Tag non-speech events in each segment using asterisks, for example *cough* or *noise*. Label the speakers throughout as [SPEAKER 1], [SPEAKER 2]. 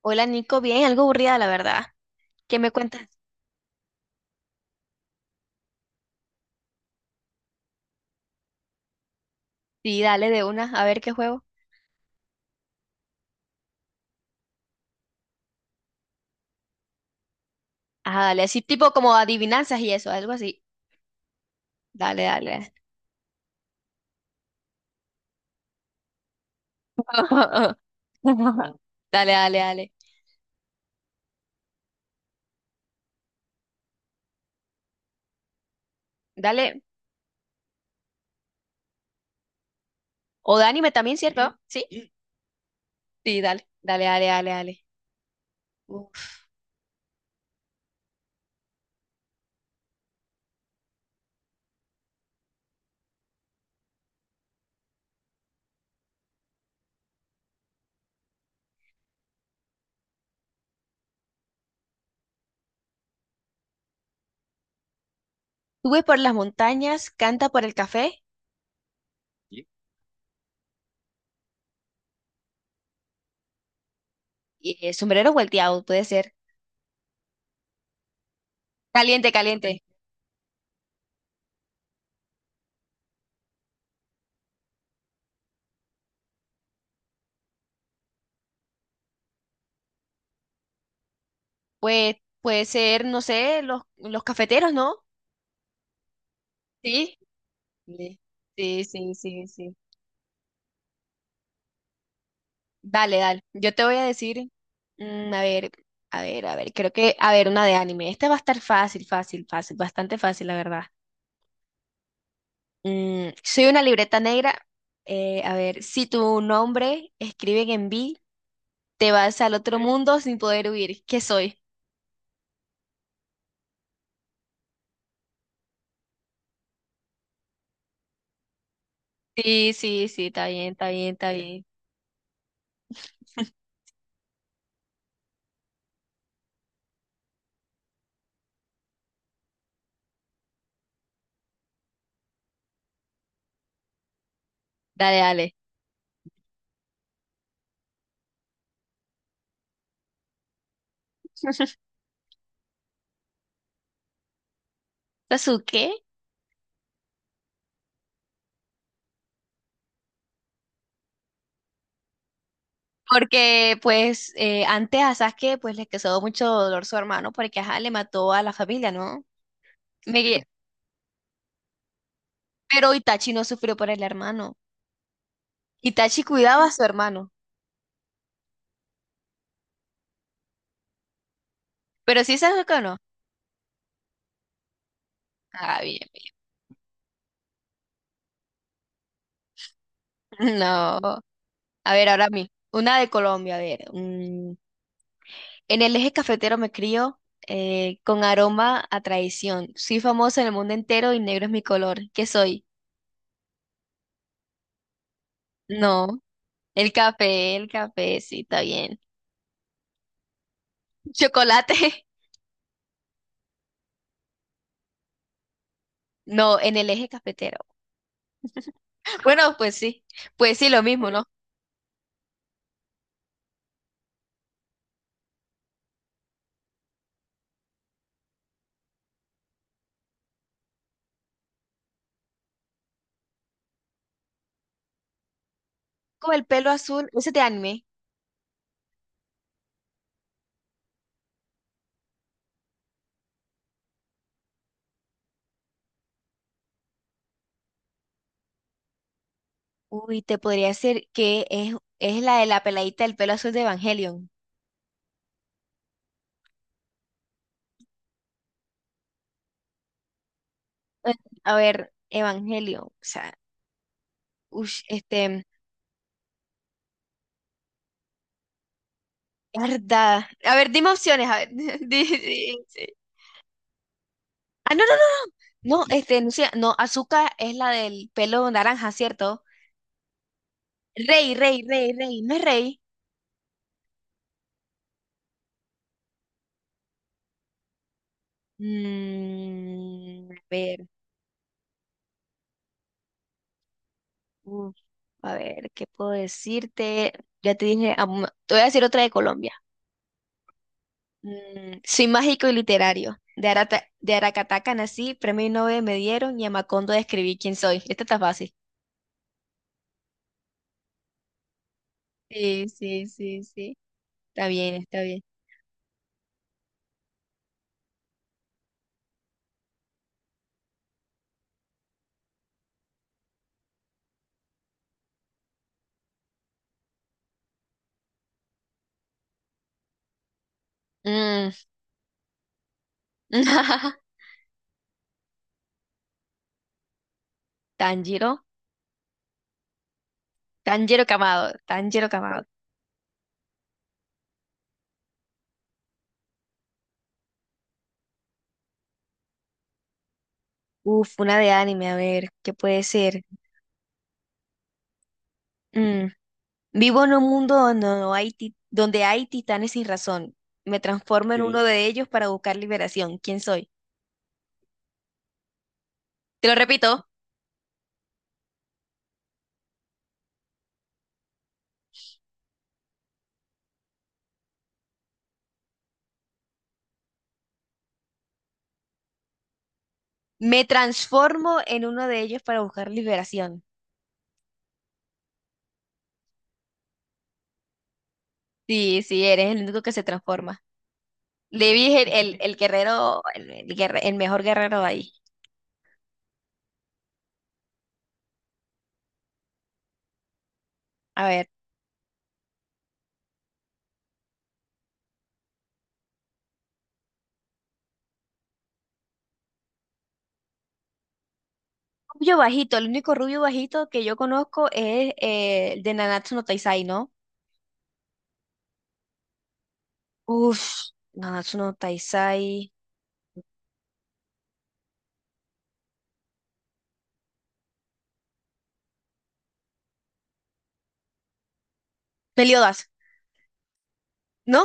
[SPEAKER 1] Hola Nico, bien, algo aburrida la verdad. ¿Qué me cuentas? Sí, dale de una, a ver qué juego. Ajá, dale, así tipo como adivinanzas y eso, algo así. Dale, dale. *laughs* Dale, dale, dale. Dale. O de anime también, ¿cierto? Sí, sí, dale. Dale, dale, dale, dale. Uf. Sube por las montañas, canta por el café y sombrero volteado, puede ser. Caliente, caliente. Pues puede ser, no sé, los cafeteros, ¿no? Sí. Sí, sí, sí, sí, sí. Dale, dale. Yo te voy a decir, a ver, creo que, a ver, una de anime. Esta va a estar fácil, fácil, fácil, bastante fácil, la verdad. Soy una libreta negra. A ver, si tu nombre escriben en B, te vas al otro mundo sin poder huir. ¿Qué soy? Sí, sí, sí, está bien, está bien, está bien. Dale, dale. ¿Sasuke? Porque, pues, antes a Sasuke, pues, le causó mucho dolor su hermano porque, ajá, le mató a la familia, ¿no? Me, Pero Itachi no sufrió por el hermano. Itachi cuidaba a su hermano. Pero sí se que no. Ah, bien, bien. *laughs* No. A ver, ahora a mí. Una de Colombia, a ver. En el eje cafetero me crío con aroma a traición. Soy famosa en el mundo entero y negro es mi color. ¿Qué soy? No. El café, sí, está bien. Chocolate. *laughs* No, en el eje cafetero. Bueno, pues sí. Pues sí, lo mismo, ¿no? Con el pelo azul, ese es de anime. Uy, te podría decir que es la de la peladita del pelo azul de Evangelion. Eh, A ver, Evangelion, o sea, ush, este, verdad. A ver, dime opciones, a ver. *laughs* Sí. Ah, no, no, no, no, este, no sé, no, Azuka es la del pelo naranja, ¿cierto? Rey, rey, rey, rey, no es rey. A ver, uf, a ver, ¿qué puedo decirte? Ya te dije, te voy a decir otra de Colombia. Soy mágico y literario. De Aracataca nací, premio Nobel me dieron y a Macondo describí quién soy. Esta está fácil. Sí, sí, sí, sí. Está bien, está bien. Mm. *laughs* Tanjiro, Tanjiro Kamado, Tanjiro Kamado. Uf, una de anime, a ver, ¿qué puede ser? Mm, Vivo en un mundo donde hay titanes sin razón. Me transformo en uno sí de ellos para buscar liberación. ¿Quién soy? Te lo repito, me transformo en uno de ellos para buscar liberación. Sí, sí, eres el único que se transforma. Levi es el guerrero, el el mejor guerrero de ahí. A ver, rubio bajito, el único rubio bajito que yo conozco es el de Nanatsu no Taizai, ¿no? Uf, Nanatsu no Taizai. Meliodas, ¿no?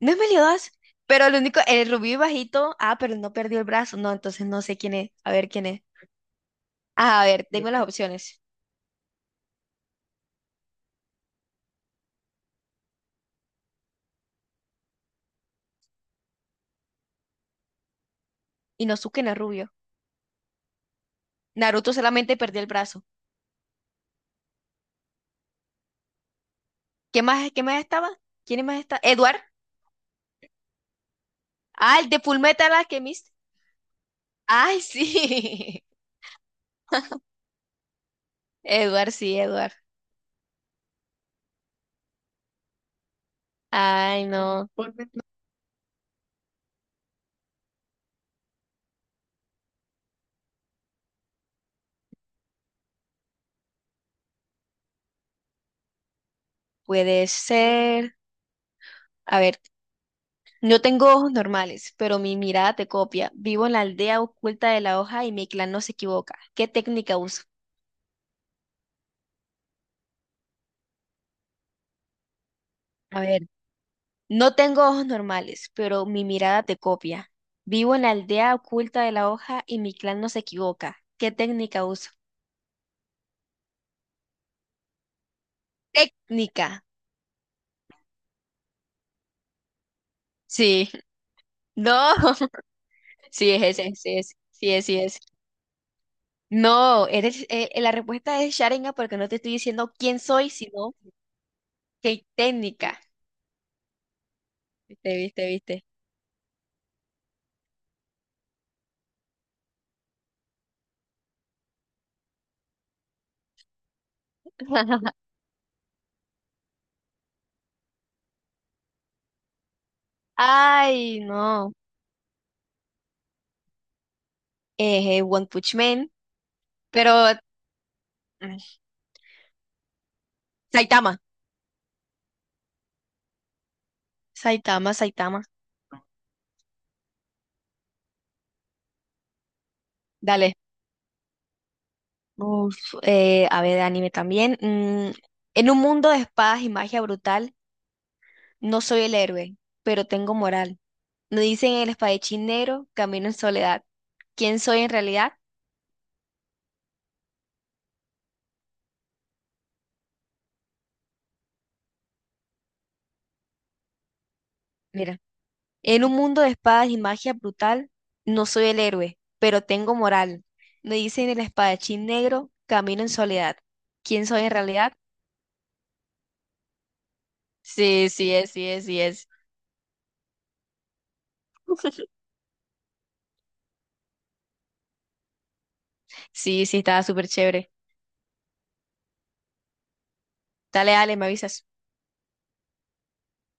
[SPEAKER 1] No es Meliodas, pero el único, el rubio bajito, ah, pero no perdió el brazo, no, entonces no sé quién es, a ver quién es. Ah, a ver, tengo las opciones. Inosuke no es rubio. Naruto solamente perdió el brazo. Qué más estaba? ¿Quién más está? Eduardo. Ah, el de Fullmetal Alchemist. Ay, sí. *laughs* Edward, sí, Edward. Ay, no. Puede ser. A ver, no tengo ojos normales, pero mi mirada te copia. Vivo en la aldea oculta de la hoja y mi clan no se equivoca. ¿Qué técnica uso? A ver, no tengo ojos normales, pero mi mirada te copia. Vivo en la aldea oculta de la hoja y mi clan no se equivoca. ¿Qué técnica uso? Técnica. Sí. *laughs* No. *laughs* Sí, es ese, sí es, sí es, sí es. No, eres, la respuesta es Sharingan porque no te estoy diciendo quién soy, sino qué técnica. Viste, viste, viste. Ay, no. One Punch Man, pero mm, Saitama, Saitama, Saitama. Dale. Uf, a ver, de anime también. En un mundo de espadas y magia brutal, no soy el héroe, pero tengo moral. Me dicen el espadachín negro, camino en soledad. ¿Quién soy en realidad? Mira. En un mundo de espadas y magia brutal, no soy el héroe, pero tengo moral. Me dicen el espadachín negro, camino en soledad. ¿Quién soy en realidad? Sí, sí es, sí es, sí es. Sí, sí, estaba súper chévere. Dale, dale, me avisas.